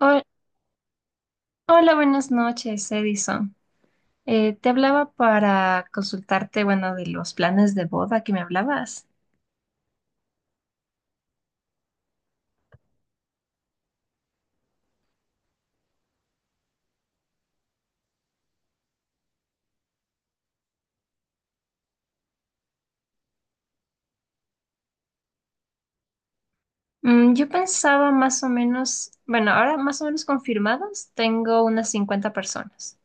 Hol- Hola, buenas noches, Edison. Te hablaba para consultarte, bueno, de los planes de boda que me hablabas. Yo pensaba más o menos, bueno, ahora más o menos confirmados, tengo unas 50 personas.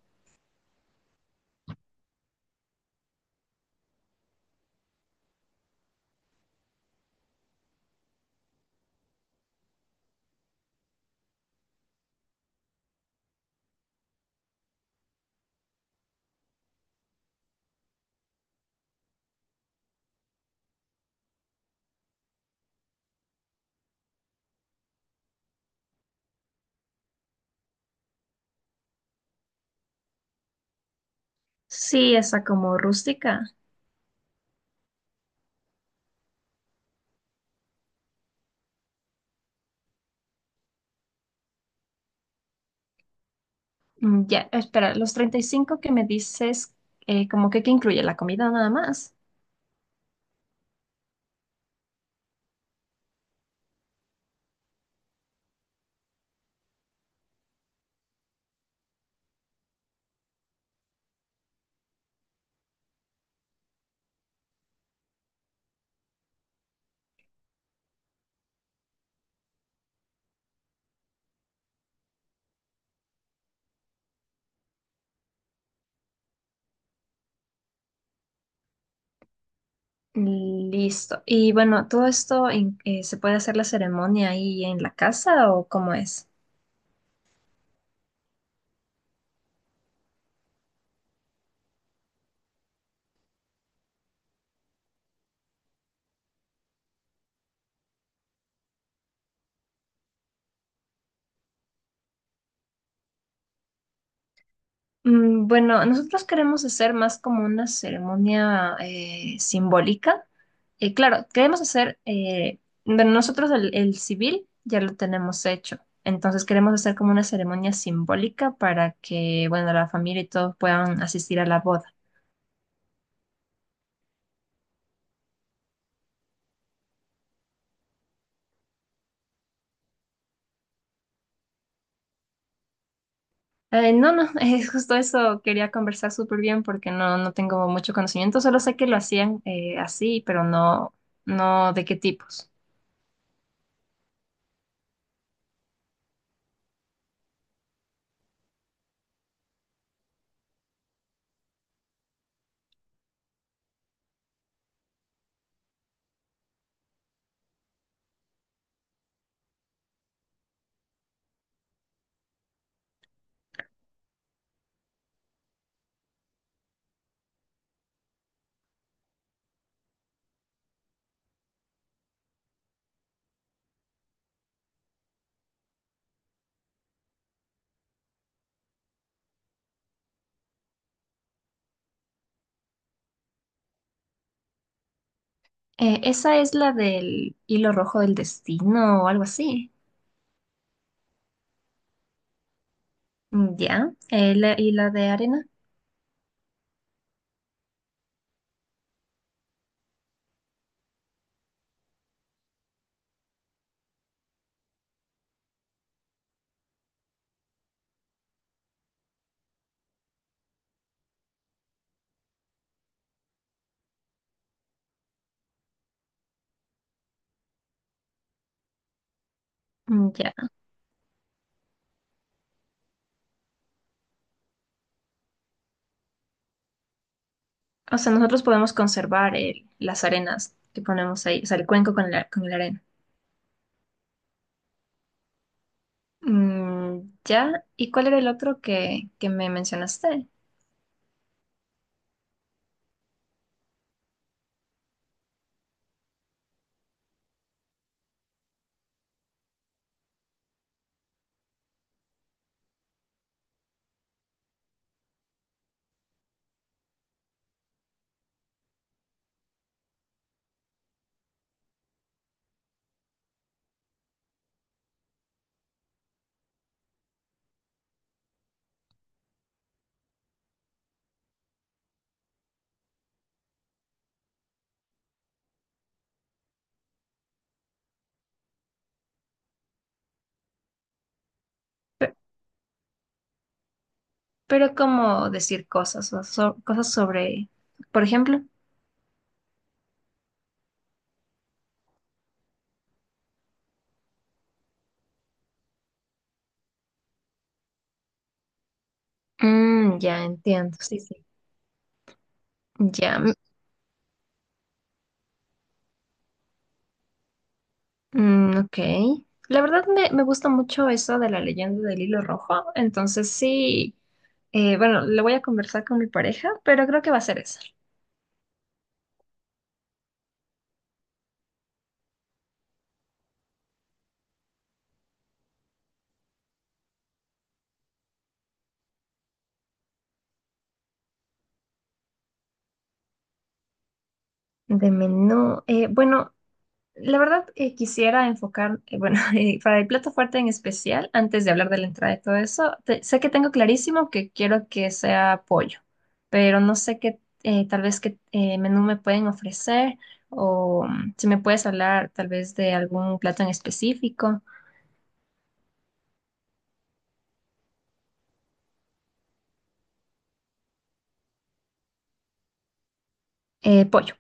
Sí, esa como rústica. Ya, espera, los 35 que me dices, como que incluye la comida nada más. Mm, listo. Y bueno, ¿todo esto se puede hacer la ceremonia ahí en la casa o cómo es? Bueno, nosotros queremos hacer más como una ceremonia simbólica. Claro, queremos hacer, bueno, nosotros el civil ya lo tenemos hecho, entonces queremos hacer como una ceremonia simbólica para que, bueno, la familia y todos puedan asistir a la boda. No, no, es justo eso quería conversar súper bien porque no, no tengo mucho conocimiento, solo sé que lo hacían así, pero no, no de qué tipos. Esa es la del hilo rojo del destino o algo así. Mm, ya. Y la de arena. Mm, ya. O sea, nosotros podemos conservar las arenas que ponemos ahí, o sea, el cuenco con la arena. Mm, ya. ¿Y cuál era el otro que me mencionaste? Pe- Pero, cómo decir cosas, cosas sobre, por ejemplo. Ya entiendo, sí, sí. Ya. Mm, ok. La verdad me gusta mucho eso de la leyenda del hilo rojo, entonces sí, bueno, lo voy a conversar con mi pareja, pero creo que va a ser eso. De menú, bueno, la verdad quisiera enfocar, bueno, para el plato fuerte en especial, antes de hablar de la entrada y todo eso, sé que tengo clarísimo que quiero que sea pollo, pero no sé qué, tal vez qué menú me pueden ofrecer o si me puedes hablar tal vez de algún plato en específico. Pollo.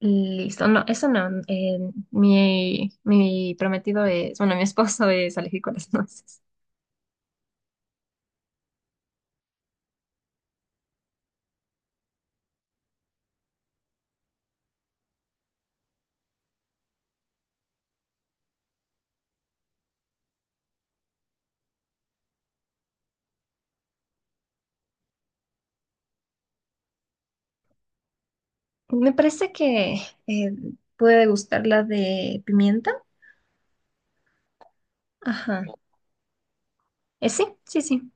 Listo. No, eso no. Mi prometido es, bueno, mi esposo es alérgico a las nueces. Me parece que eh, puede gustar la de pimienta. Ajá. Sí, sí, sí.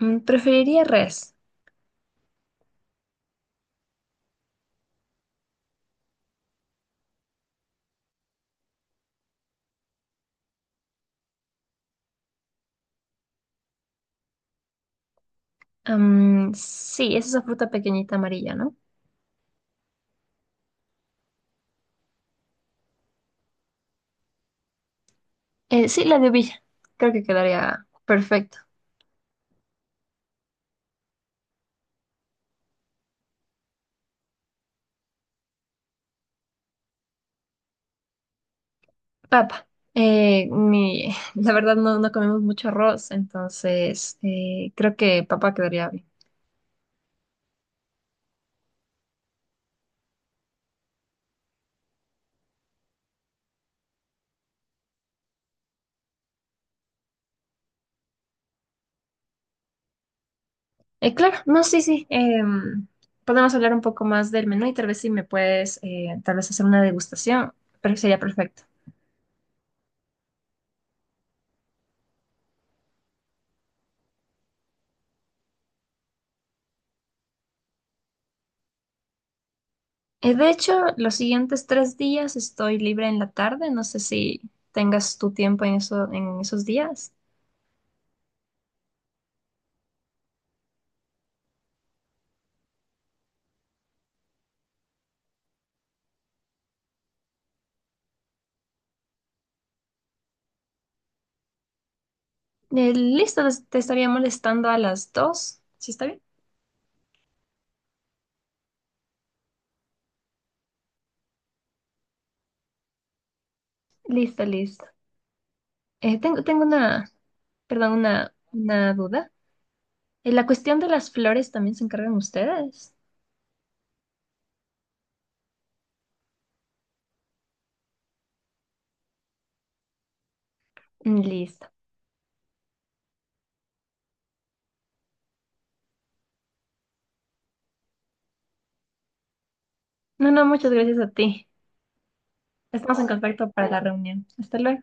Preferiría res. Sí, es esa fruta pequeñita amarilla, ¿no? Sí, la de Villa. Creo que quedaría perfecto. Papa. La verdad no, no comemos mucho arroz, entonces creo que papa quedaría bien. Claro, no, sí, sí. em, Podemos hablar un poco más del menú y tal vez si me puedes, tal vez hacer una degustación, pero sería perfecto. De hecho, los siguientes 3 días estoy libre en la tarde. No sé si tengas tu tiempo en eso, en esos días. Listo, te estaría molestando a las 2. ¿Sí está bien? Listo, listo. Tengo una, perdón, una duda. ¿La cuestión de las flores también se encargan ustedes? Mm, listo. No, no, muchas gracias a ti. Estamos en contacto para la reunión. Hasta luego.